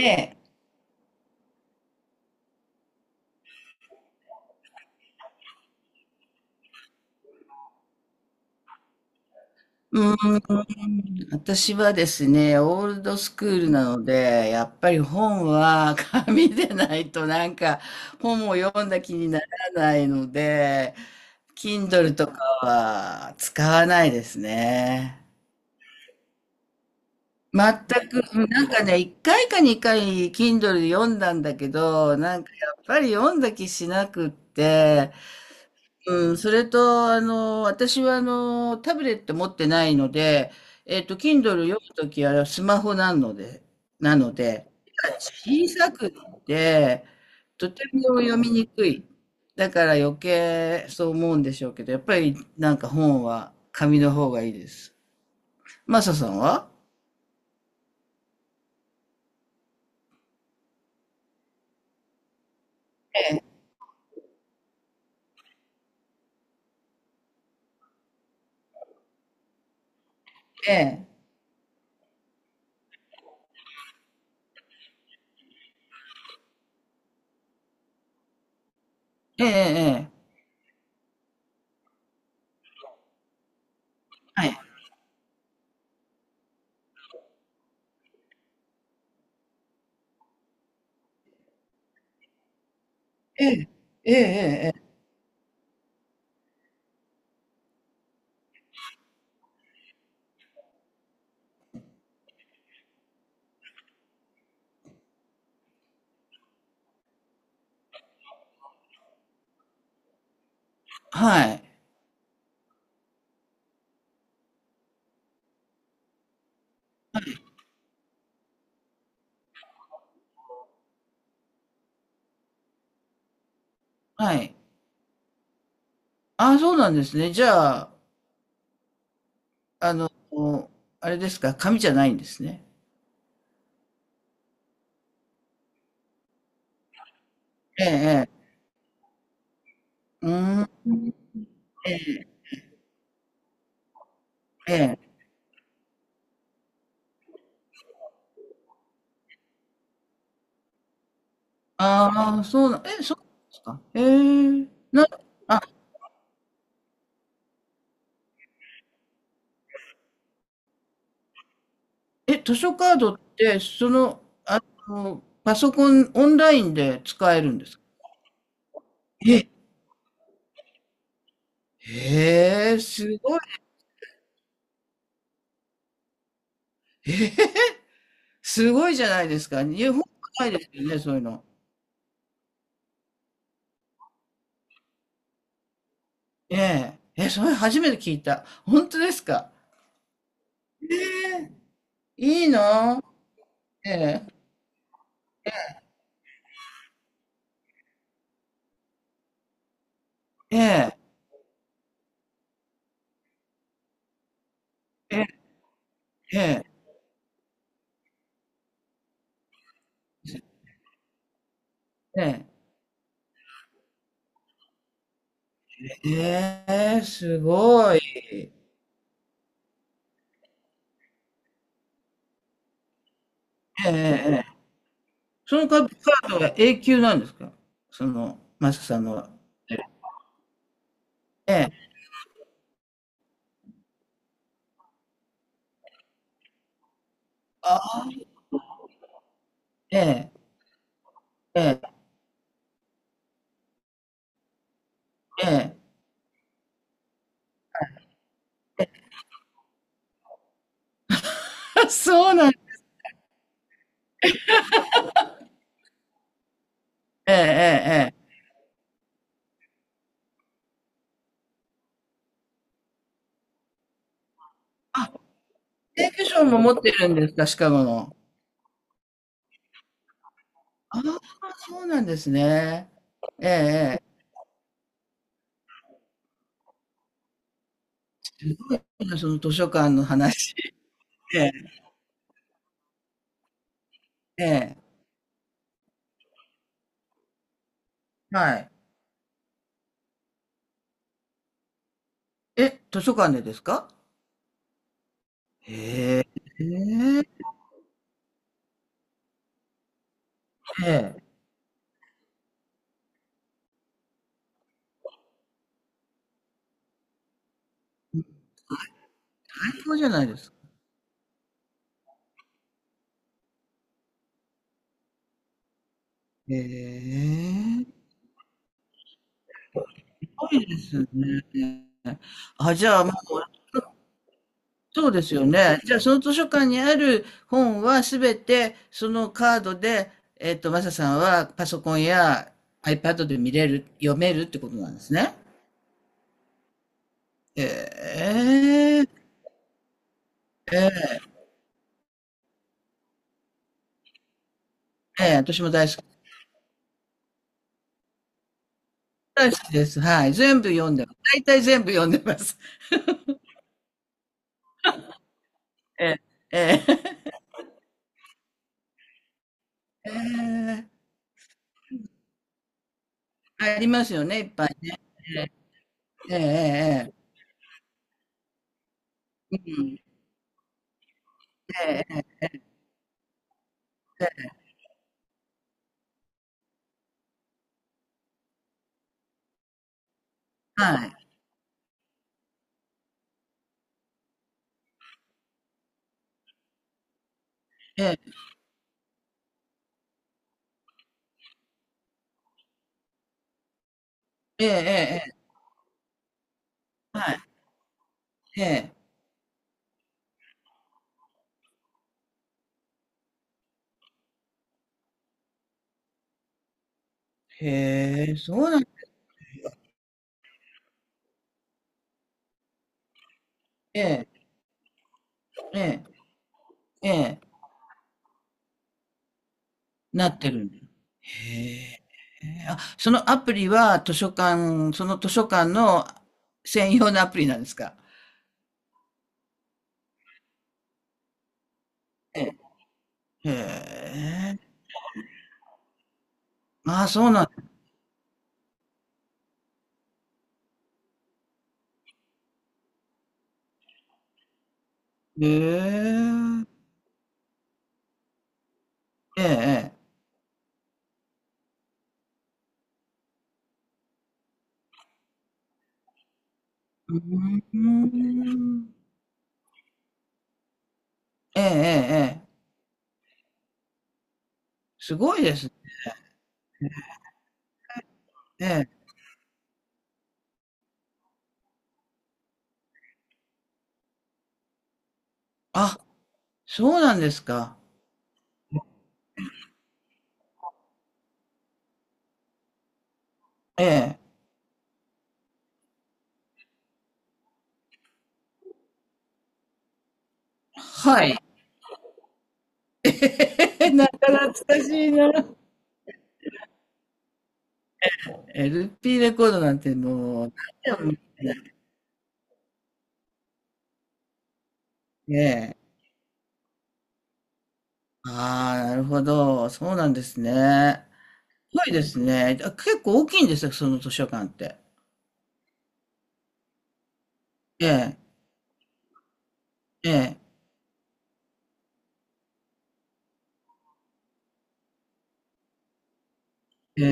ええ、うーん、私はですね、オールドスクールなので、やっぱり本は 紙でないとなんか本を読んだ気にならないので、Kindle とかは使わないですね。全く、なんかね、一回か二回 Kindle で読んだんだけど、なんかやっぱり読んだ気しなくって、うん、それと、私は、タブレット持ってないので、Kindle 読むときはスマホなので、なので、小さくって、とても読みにくい。だから余計そう思うんでしょうけど、やっぱりなんか本は紙の方がいいです。マサさんは。ええ、ええ、ええ、はい。ええ、ええ、ええ、ええはい。はい。ああ、そうなんですね。じゃあ、あの、あれですか、紙じゃないんですね。ええ、ええ。うーん、ええ。ああ、そうな、え、そうなんですか。あ、え、図書カードって、パソコン、オンラインで使えるんですか？え、へえ、すごい。ええ、すごいじゃないですか。日本はないですよね、そういうの。ええ、え、それ初めて聞いた。本当ですか。ええ、いいな。ええ、ええ、ええ、ええ、ええ。ええ、すごい。ええええ。そのカカードは永久なんですか？その、マサさんのは。ええ。ああ、ええ、ええ、ええ。あ、そうなん。ええええええ。あ、定期証も持ってるんですか？シカゴの。ああ、そうなんですね。ええええ。すごいな、その図書館の話。ええええ。はい。え、図書館でですか？へえ。ええ。ええ。最高じゃないですか。へえ、すごいですね。あ、じゃあ、まあ、そうですよね。じゃあ、その図書館にある本はすべて、そのカードで、マサさんはパソコンや iPad で見れる、読めるってことなんですね。ええ、ええ、私も大好き。大好きです。はい。全部読んでます。大体全部読んでます。ええ、ええ、ええありますよね、いっぱいね。ええ、ええ、ええうんええ、ええはい。ええええええ、はい、ええ。へえ、そうなん。ええ、ええ、ええ、なってるんだ。へえ。あ、そのアプリは図書館その図書館の専用のアプリなんですか？ええ。へえ。ああ、そうなんだ。へえ。ええええ。うーん。ええええええ。すごいですね。ええ。あ、そうなんですか。ええ。はい。え、なか懐かしいな。LP レコードなんてもう、何年も見てね。ああ、なるほど。そうなんですね。すごいですね。あ、結構大きいんですよ、その図書館って。ええ、ええ、え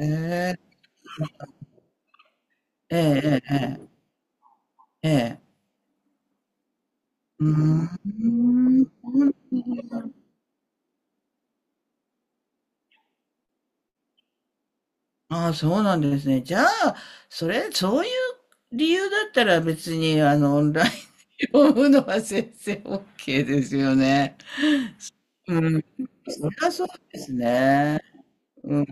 え、ええ、ええ、ええ。ええうーん。ああ、そうなんですね。じゃあ、それ、そういう理由だったら別に、オンラインで読むのは先生 OK ですよね。うん。そりゃそうですね。うん。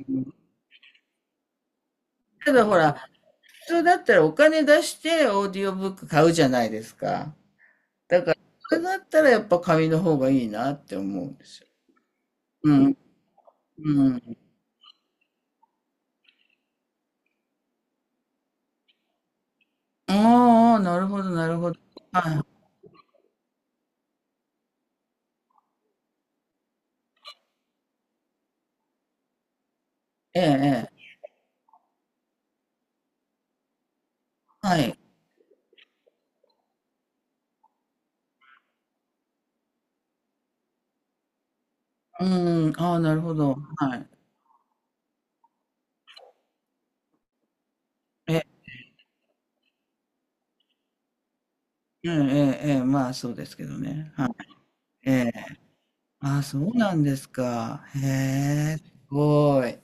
ただほら、普通だったらお金出してオーディオブック買うじゃないですか。だから、それだったらやっぱ紙の方がいいなって思うんですよ。うん。うん。ああ、なるほど、なるほど。はい。ええ、ええ。はい。うん、ああ、なるほど。はい。え、ええ、ええ、ええ、まあそうですけどね。はい。ええ。ああ、そうなんですか。へえ、すごい。